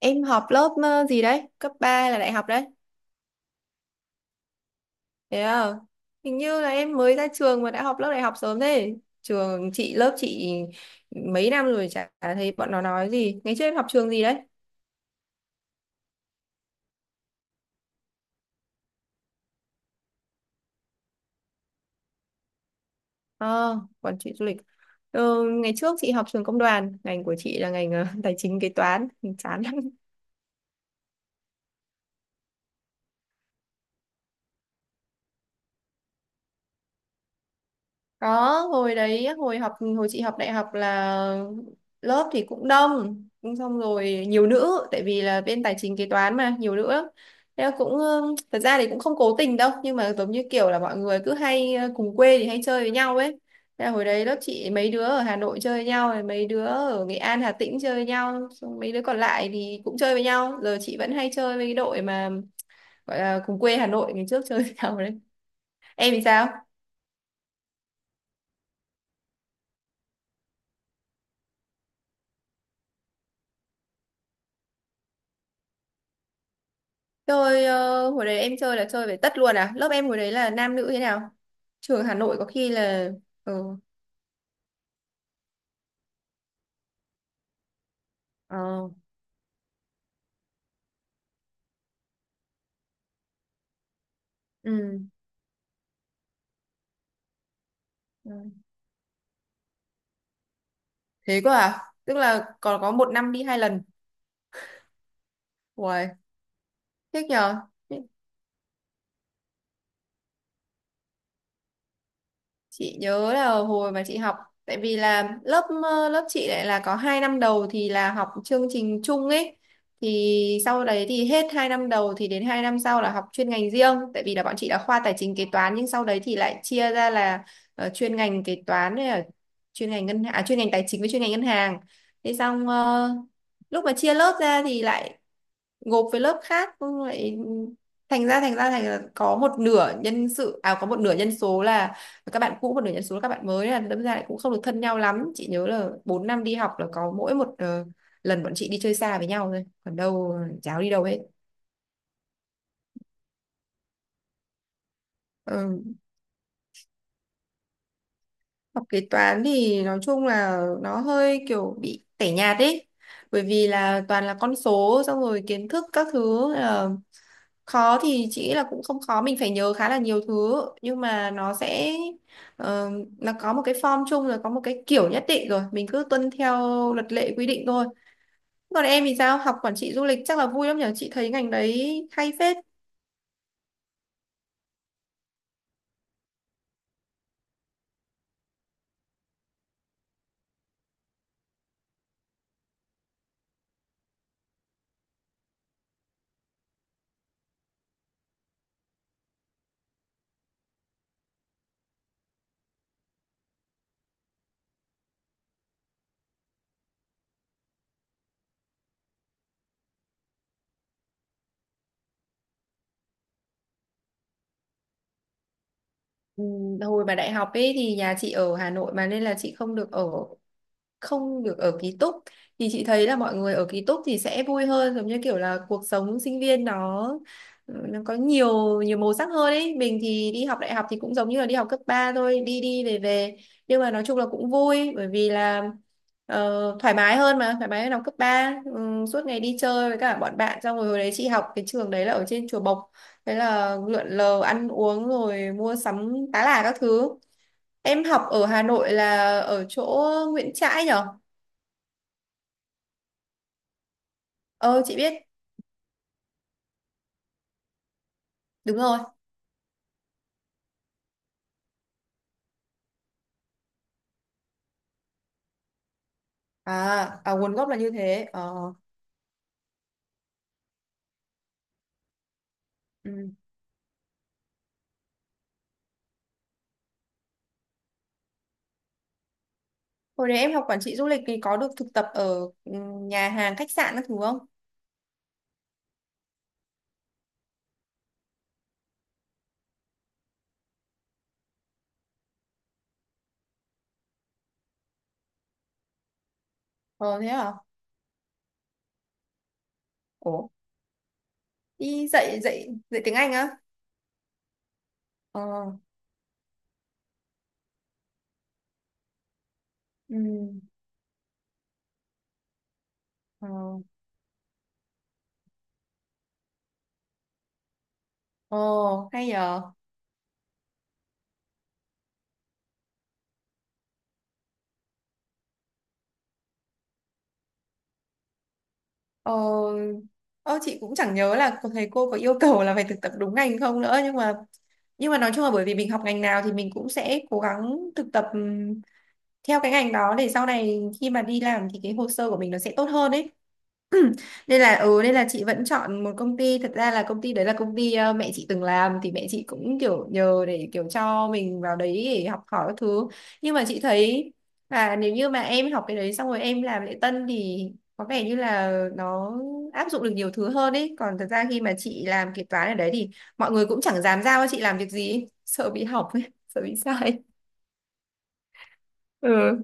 Em học lớp gì đấy? Cấp 3 là đại học đấy. Thế à? Hình như là em mới ra trường mà đã học lớp đại học sớm thế. Trường chị, lớp chị mấy năm rồi chả thấy bọn nó nói gì. Ngày trước em học trường gì đấy? Ờ, Quản trị du lịch. Ngày trước chị học trường công đoàn, ngành của chị là ngành tài chính kế toán, chán. Có, hồi chị học đại học là lớp thì cũng đông, cũng xong rồi nhiều nữ, tại vì là bên tài chính kế toán mà, nhiều nữ lắm. Thế là cũng, thật ra thì cũng không cố tình đâu, nhưng mà giống như kiểu là mọi người cứ hay cùng quê thì hay chơi với nhau ấy. Thế là hồi đấy lớp chị mấy đứa ở Hà Nội chơi với nhau, rồi mấy đứa ở Nghệ An, Hà Tĩnh chơi với nhau, xong mấy đứa còn lại thì cũng chơi với nhau. Giờ chị vẫn hay chơi với cái đội mà gọi là cùng quê Hà Nội ngày trước chơi với nhau đấy. Em thì sao? Chơi hồi đấy em chơi là chơi về tất luôn à? Lớp em hồi đấy là nam nữ thế nào? Trường Hà Nội có khi là ừ. Ờ, ừ, ừ. Thế cơ à? Tức là còn có một năm đi hai lần. Ui, thích nhờ. Chị nhớ là hồi mà chị học, tại vì là lớp lớp chị lại là có hai năm đầu thì là học chương trình chung ấy, thì sau đấy thì hết hai năm đầu thì đến hai năm sau là học chuyên ngành riêng, tại vì là bọn chị là khoa tài chính kế toán nhưng sau đấy thì lại chia ra là chuyên ngành kế toán với là chuyên ngành chuyên ngành tài chính với chuyên ngành ngân hàng. Thế xong lúc mà chia lớp ra thì lại gộp với lớp khác, xong lại thành là có một nửa nhân sự à có một nửa nhân số là các bạn cũ, một nửa nhân số là các bạn mới, là đâm ra lại cũng không được thân nhau lắm. Chị nhớ là 4 năm đi học là có mỗi một lần bọn chị đi chơi xa với nhau thôi, còn đâu cháu đi đâu hết. Ừ. Học kế toán thì nói chung là nó hơi kiểu bị tẻ nhạt ấy. Bởi vì là toàn là con số, xong rồi kiến thức các thứ là khó thì chị nghĩ là cũng không khó, mình phải nhớ khá là nhiều thứ, nhưng mà nó sẽ ờ, nó có một cái form chung rồi, có một cái kiểu nhất định rồi, mình cứ tuân theo luật lệ quy định thôi. Còn em thì sao? Học quản trị du lịch chắc là vui lắm nhỉ? Chị thấy ngành đấy hay phết. Ừ, hồi mà đại học ấy thì nhà chị ở Hà Nội mà, nên là chị không được ở, không được ở ký túc, thì chị thấy là mọi người ở ký túc thì sẽ vui hơn, giống như kiểu là cuộc sống sinh viên nó ừ, nó có nhiều nhiều màu sắc hơn ấy. Mình thì đi học đại học thì cũng giống như là đi học cấp 3 thôi, đi đi về về, nhưng mà nói chung là cũng vui, bởi vì là thoải mái hơn, thoải mái hơn học cấp ba, ừ, suốt ngày đi chơi với cả bọn bạn, xong rồi hồi đấy chị học cái trường đấy là ở trên Chùa Bộc, thế là lượn lờ ăn uống rồi mua sắm tá là các thứ. Em học ở Hà Nội là ở chỗ Nguyễn Trãi nhở? Ờ chị biết, đúng rồi. À, à nguồn gốc là như thế. Ờ. Ừ. Hồi đấy em học quản trị du lịch thì có được thực tập ở ừ, nhà hàng khách sạn các thứ không? Ờ thế à? Ủa, đi dạy dạy dạy tiếng Anh á? Ờ. Ừ. Ờ. Ờ hay nhờ. Ờ, ờ chị cũng chẳng nhớ là thầy cô có yêu cầu là phải thực tập đúng ngành không nữa, nhưng mà nói chung là bởi vì mình học ngành nào thì mình cũng sẽ cố gắng thực tập theo cái ngành đó, để sau này khi mà đi làm thì cái hồ sơ của mình nó sẽ tốt hơn ấy. Nên là ừ, nên là chị vẫn chọn một công ty, thật ra là công ty đấy là công ty mẹ chị từng làm, thì mẹ chị cũng kiểu nhờ để kiểu cho mình vào đấy để học hỏi các thứ, nhưng mà chị thấy là nếu như mà em học cái đấy xong rồi em làm lễ tân thì có vẻ như là nó áp dụng được nhiều thứ hơn ấy, còn thật ra khi mà chị làm kế toán ở đấy thì mọi người cũng chẳng dám giao cho chị làm việc gì ấy, sợ bị hỏng ấy, sợ bị sai. Ừ,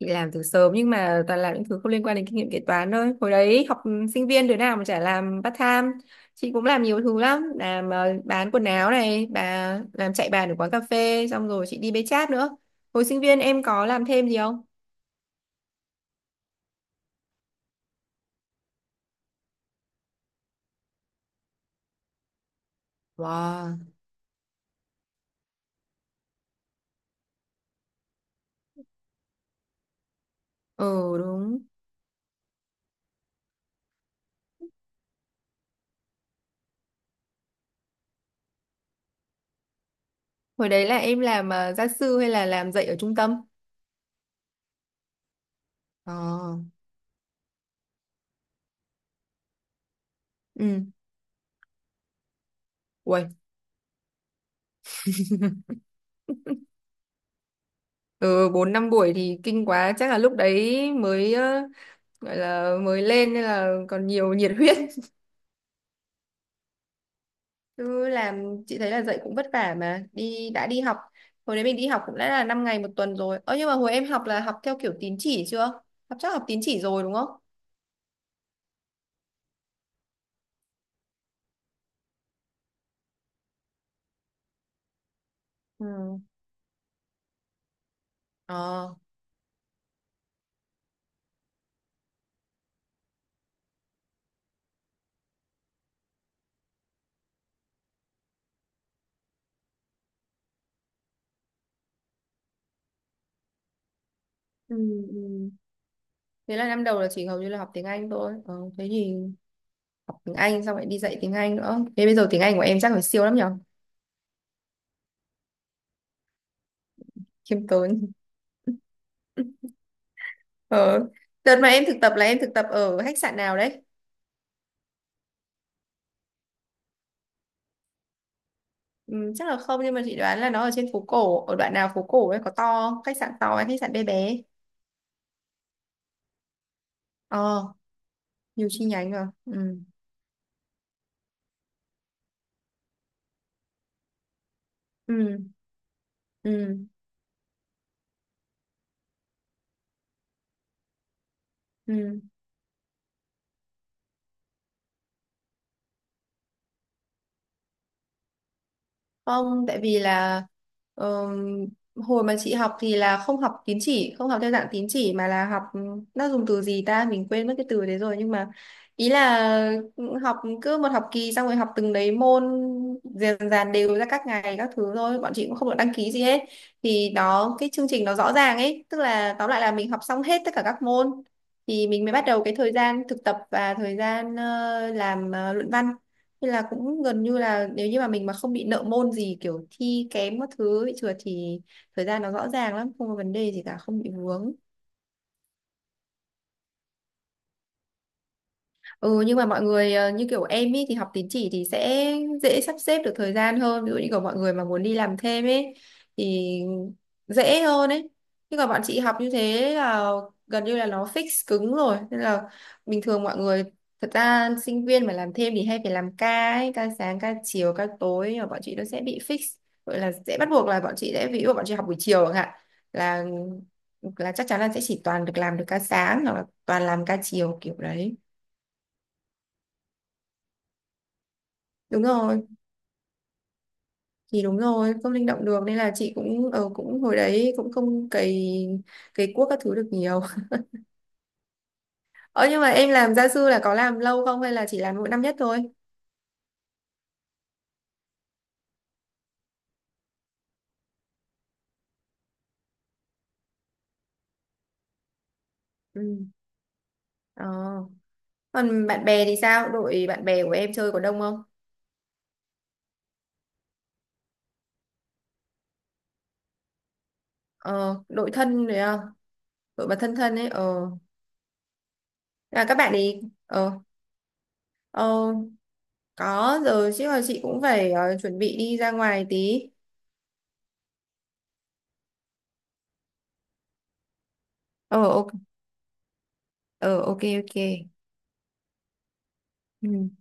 chị làm từ sớm nhưng mà toàn làm những thứ không liên quan đến kinh nghiệm kế toán thôi. Hồi đấy học sinh viên đứa nào mà chả làm part time. Chị cũng làm nhiều thứ lắm, làm bán quần áo này bà, làm chạy bàn ở quán cà phê, xong rồi chị đi bê chát nữa. Hồi sinh viên em có làm thêm gì không? Wow. Ừ đúng. Hồi đấy là em làm gia sư hay là làm dạy ở trung tâm? Ờ. Ừ. Ui. Ừ, bốn năm buổi thì kinh quá, chắc là lúc đấy mới gọi là mới lên nên là còn nhiều nhiệt huyết. Cứ làm chị thấy là dạy cũng vất vả mà đã đi học. Hồi đấy mình đi học cũng đã là 5 ngày một tuần rồi, ơ nhưng mà hồi em học là học theo kiểu tín chỉ chưa, chắc học tín chỉ rồi đúng không? Ừ. Ờ. Ừ. Ừ. Thế là năm đầu là chỉ hầu như là học tiếng Anh thôi, thế thì học tiếng Anh xong lại đi dạy tiếng Anh nữa, thế bây giờ tiếng Anh của em chắc phải siêu lắm nhở. Khiêm tốn. Ờ, đợt mà em thực tập là em thực tập ở khách sạn nào đấy? Ừ, chắc là không, nhưng mà chị đoán là nó ở trên phố cổ, ở đoạn nào phố cổ ấy, có to, khách sạn to hay khách sạn bé bé? Ờ, nhiều chi nhánh rồi, ừ. Ừ. Ừ. Ừ. Không, tại vì là ờm, hồi mà chị học thì là không học tín chỉ, không học theo dạng tín chỉ, mà là học ừ, nó dùng từ gì ta, mình quên mất cái từ đấy rồi, nhưng mà ý là ừ, học cứ một học kỳ xong rồi học từng đấy môn, dần dần đều ra các ngày các thứ thôi, bọn chị cũng không được đăng ký gì hết. Thì đó cái chương trình nó rõ ràng ấy, tức là tóm lại là mình học xong hết tất cả các môn thì mình mới bắt đầu cái thời gian thực tập và thời gian làm luận văn. Thế là cũng gần như là nếu như mà mình mà không bị nợ môn gì kiểu thi kém các thứ bị trượt thì thời gian nó rõ ràng lắm, không có vấn đề gì cả, không bị vướng. Ừ, nhưng mà mọi người như kiểu em ý thì học tín chỉ thì sẽ dễ sắp xếp được thời gian hơn, ví dụ như của mọi người mà muốn đi làm thêm ấy thì dễ hơn ấy, nhưng mà bọn chị học như thế là gần như là nó fix cứng rồi, nên là bình thường mọi người, thật ra sinh viên mà làm thêm thì hay phải làm ca ấy, ca sáng ca chiều ca tối, nhưng mà bọn chị nó sẽ bị fix, gọi là sẽ bắt buộc là bọn chị sẽ, ví dụ bọn chị học buổi chiều chẳng hạn, là là chắc chắn là sẽ chỉ toàn được làm được ca sáng hoặc là toàn làm ca chiều kiểu đấy. Đúng rồi, thì đúng rồi, không linh động được nên là chị cũng cũng hồi đấy cũng không cày cày cuốc các thứ được nhiều. Ờ, nhưng mà em làm gia sư là có làm lâu không hay là chỉ làm mỗi năm nhất thôi? Ừ. Ờ. Còn bạn bè thì sao, đội bạn bè của em chơi có đông không? Ờ, đội thân đấy không, đội mà thân thân ấy? Ờ, là các bạn ấy. Ờ. Ờ, có rồi chứ, là chị cũng phải chuẩn bị đi ra ngoài tí. Ờ, ok. Ờ ok ok Ừ.